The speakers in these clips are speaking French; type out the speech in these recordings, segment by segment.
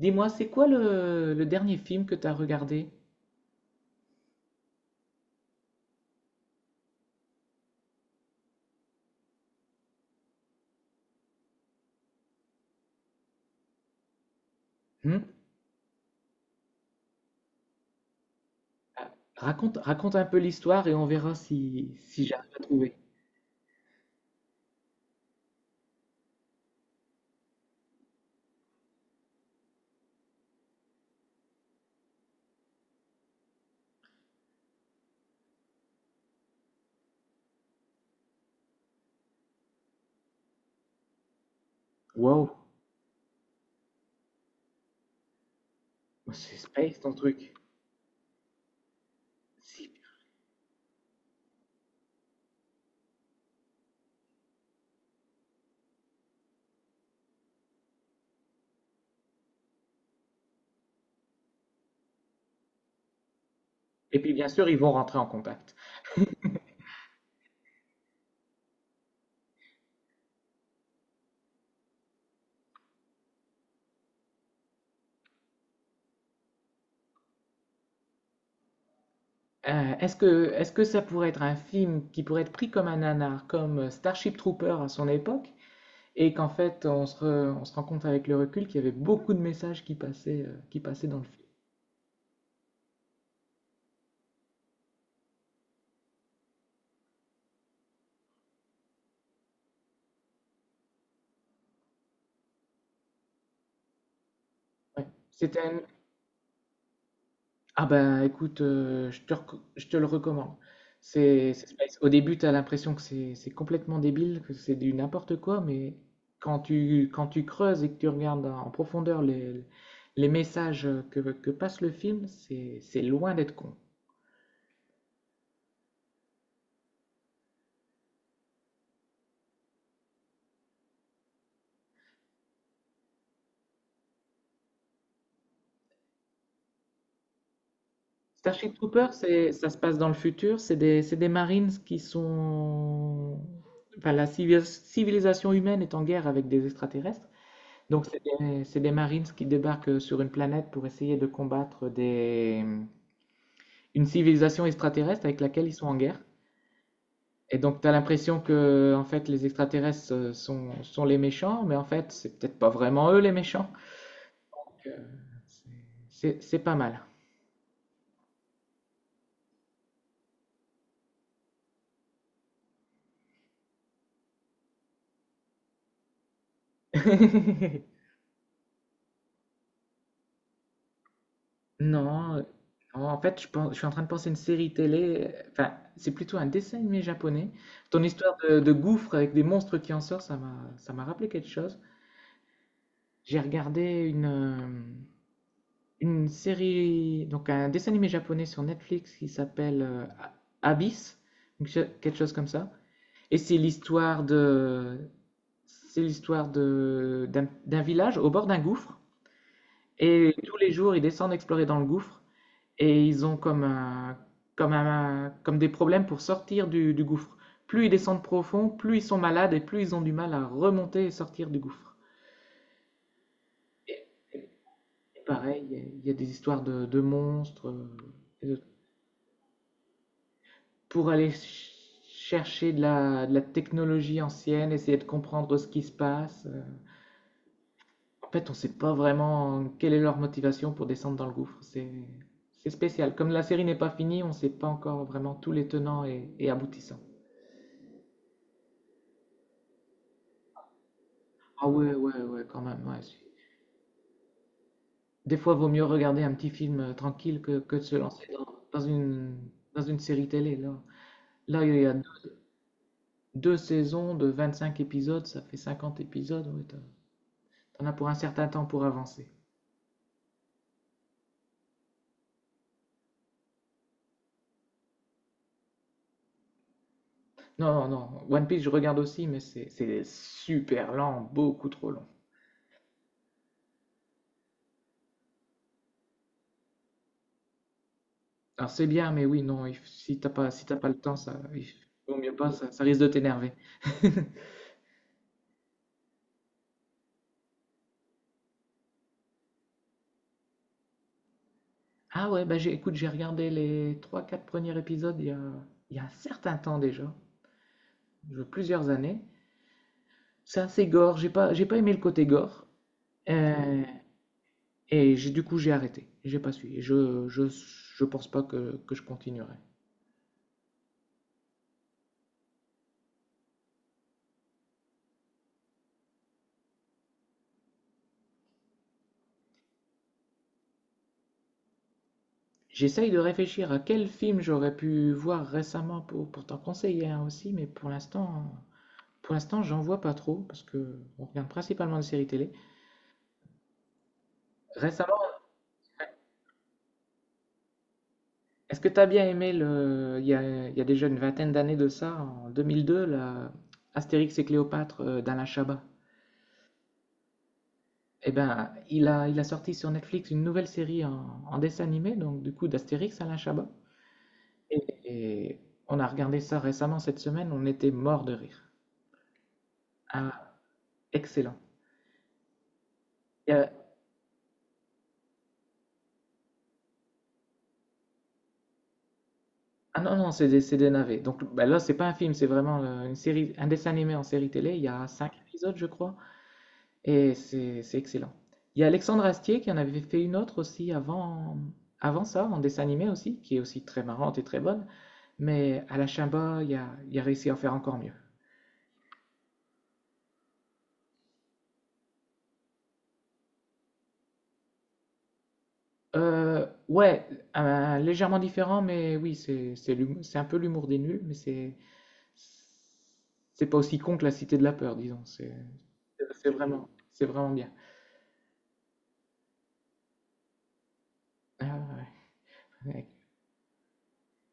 Dis-moi, c'est quoi le dernier film que tu as regardé? Hmm. Ah, raconte, raconte un peu l'histoire et on verra si, j'arrive à trouver. Wow, c'est space ton truc. Si. Et puis bien sûr, ils vont rentrer en contact. Est-ce que, ça pourrait être un film qui pourrait être pris comme un nanar, comme Starship Trooper à son époque, et qu'en fait, on se, on se rend compte avec le recul qu'il y avait beaucoup de messages qui passaient dans le film. Ouais. Ah ben, écoute, je te, je te le recommande. C'est space. Au début, tu as l'impression que c'est complètement débile, que c'est du n'importe quoi, mais quand tu creuses et que tu regardes en profondeur les messages que passe le film, c'est loin d'être con. Starship Troopers, ça se passe dans le futur, c'est des Marines qui sont... Enfin, la civilisation humaine est en guerre avec des extraterrestres. Donc, c'est des Marines qui débarquent sur une planète pour essayer de combattre des, une civilisation extraterrestre avec laquelle ils sont en guerre. Et donc, tu as l'impression que en fait, les extraterrestres sont, sont les méchants, mais en fait, c'est peut-être pas vraiment eux les méchants. Donc, euh, c'est pas mal. Non, en fait, je suis en train de penser à une série télé. Enfin, c'est plutôt un dessin animé japonais. Ton histoire de gouffre avec des monstres qui en sortent, ça m'a rappelé quelque chose. J'ai regardé une série, donc un dessin animé japonais sur Netflix qui s'appelle Abyss, donc quelque chose comme ça. Et c'est l'histoire de, d'un village au bord d'un gouffre. Et tous les jours, ils descendent explorer dans le gouffre. Et ils ont comme des problèmes pour sortir du gouffre. Plus ils descendent profond, plus ils sont malades et plus ils ont du mal à remonter et sortir du gouffre. Pareil, il y a des histoires de monstres. Et de- pour aller chercher de la technologie ancienne, essayer de comprendre ce qui se passe. En fait, on ne sait pas vraiment quelle est leur motivation pour descendre dans le gouffre. C'est spécial. Comme la série n'est pas finie, on ne sait pas encore vraiment tous les tenants et aboutissants. Ah ouais, quand même. Ouais, des fois, vaut mieux regarder un petit film tranquille que de se lancer dans, dans une, dans une série télé. Là, il y a deux saisons de 25 épisodes, ça fait 50 épisodes. Ouais, t'en as pour un certain temps pour avancer. Non, non, non. One Piece, je regarde aussi, mais c'est super lent, beaucoup trop long. Alors c'est bien, mais oui, non, si t'as pas, si t'as pas le temps, ça, il vaut mieux pas, ça risque de t'énerver. Ah ouais, écoute, j'ai regardé les trois, quatre premiers épisodes il y a un certain temps déjà, plusieurs années. C'est assez gore, j'ai pas aimé le côté gore. Euh, Et j'ai, du coup, j'ai arrêté. J'ai pas suivi. Je pense pas que, que je continuerai. J'essaye de réfléchir à quel film j'aurais pu voir récemment pour t'en conseiller un aussi, mais pour l'instant, j'en vois pas trop parce que on regarde principalement des séries télé. Récemment, est-ce que t'as bien aimé le, il y a déjà une vingtaine d'années de ça, en 2002, la Astérix et Cléopâtre d'Alain Chabat? Eh ben, il a sorti sur Netflix une nouvelle série en, en dessin animé, donc du coup d'Astérix Alain Chabat. Et, et on a regardé ça récemment cette semaine, on était mort de rire. Ah, excellent. Il y a- Ah non, non, c'est des navets. Donc bah là, c'est pas un film, c'est vraiment une série, un dessin animé en série télé. Il y a cinq épisodes, je crois, et c'est excellent. Il y a Alexandre Astier qui en avait fait une autre aussi avant, avant ça, en dessin animé aussi, qui est aussi très marrante et très bonne. Mais à la Chimba, il a réussi à en faire encore mieux. Ouais, légèrement différent, mais oui, c'est un peu l'humour des nuls, mais c'est... C'est pas aussi con que la Cité de la Peur, disons. C'est vraiment, c'est vraiment bien. Ah ouais, ouais.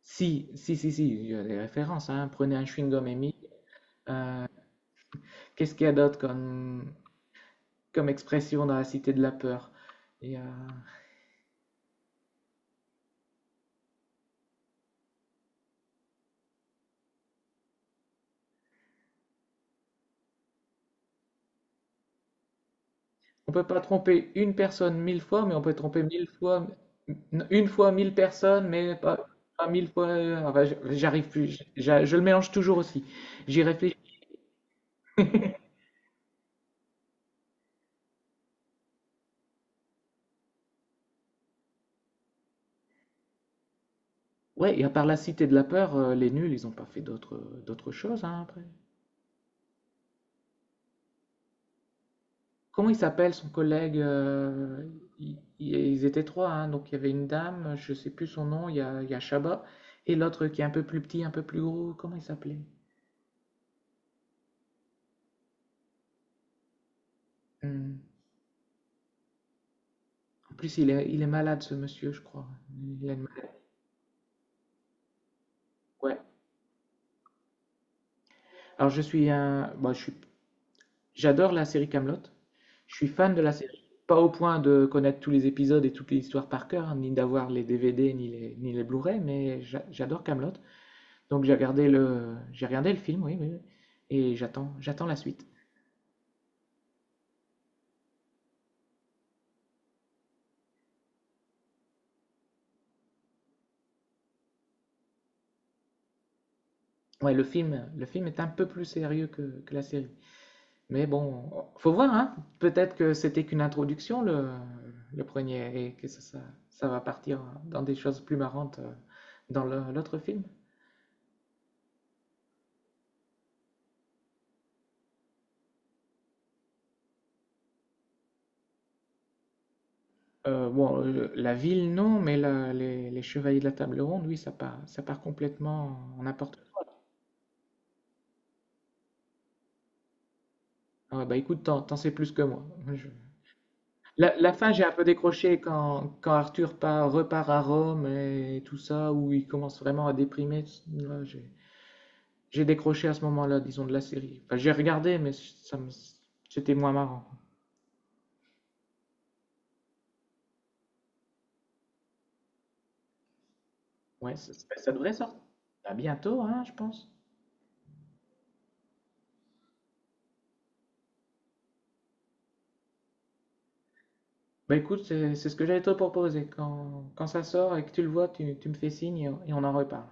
Si, si, si, si, il y a des références. Hein. Prenez un chewing-gum Emmy. Euh, Qu'est-ce qu'il y a d'autre comme, comme expression dans la Cité de la Peur? Et, euh, on peut pas tromper une personne mille fois, mais on peut tromper mille fois, une fois mille personnes, mais pas, pas mille fois. Enfin, j'arrive plus. Je le mélange toujours aussi. J'y réfléchis. Ouais, et à part la Cité de la Peur, les nuls, ils n'ont pas fait d'autres d'autres choses hein, après. Comment il s'appelle son collègue ils étaient trois, hein, donc il y avait une dame, je sais plus son nom, il y a Chabat, et l'autre qui est un peu plus petit, un peu plus gros, comment il s'appelait? Hum, En plus, il est malade ce monsieur, je crois. Il a une maladie. Ouais. Alors je suis un, bon, je suis, j'adore la série Kaamelott. Je suis fan de la série. Pas au point de connaître tous les épisodes et toutes les histoires par cœur, hein, ni d'avoir les DVD ni les, ni les Blu-ray, mais j'adore Kaamelott. Donc j'ai regardé le film, oui, oui, oui. Et j'attends, j'attends la suite. Ouais, le film est un peu plus sérieux que la série. Mais bon, faut voir, hein. Peut-être que c'était qu'une introduction, le premier, et que ça va partir dans des choses plus marrantes dans l'autre film. La ville, non, mais les Chevaliers de la Table Ronde, oui, ça part complètement en n'importe quoi. Ah ouais, bah écoute, t'en sais plus que moi. Je- La, la fin, j'ai un peu décroché quand, quand Arthur repart à Rome et tout ça, où il commence vraiment à déprimer. Là, j'ai décroché à ce moment-là, disons, de la série. Enfin, j'ai regardé, c'était moins marrant. Ouais, ça devrait sortir à bientôt, hein, je pense. Bah écoute, c'est ce que j'allais te proposer. Quand, quand ça sort et que tu le vois, tu me fais signe et on en reparle.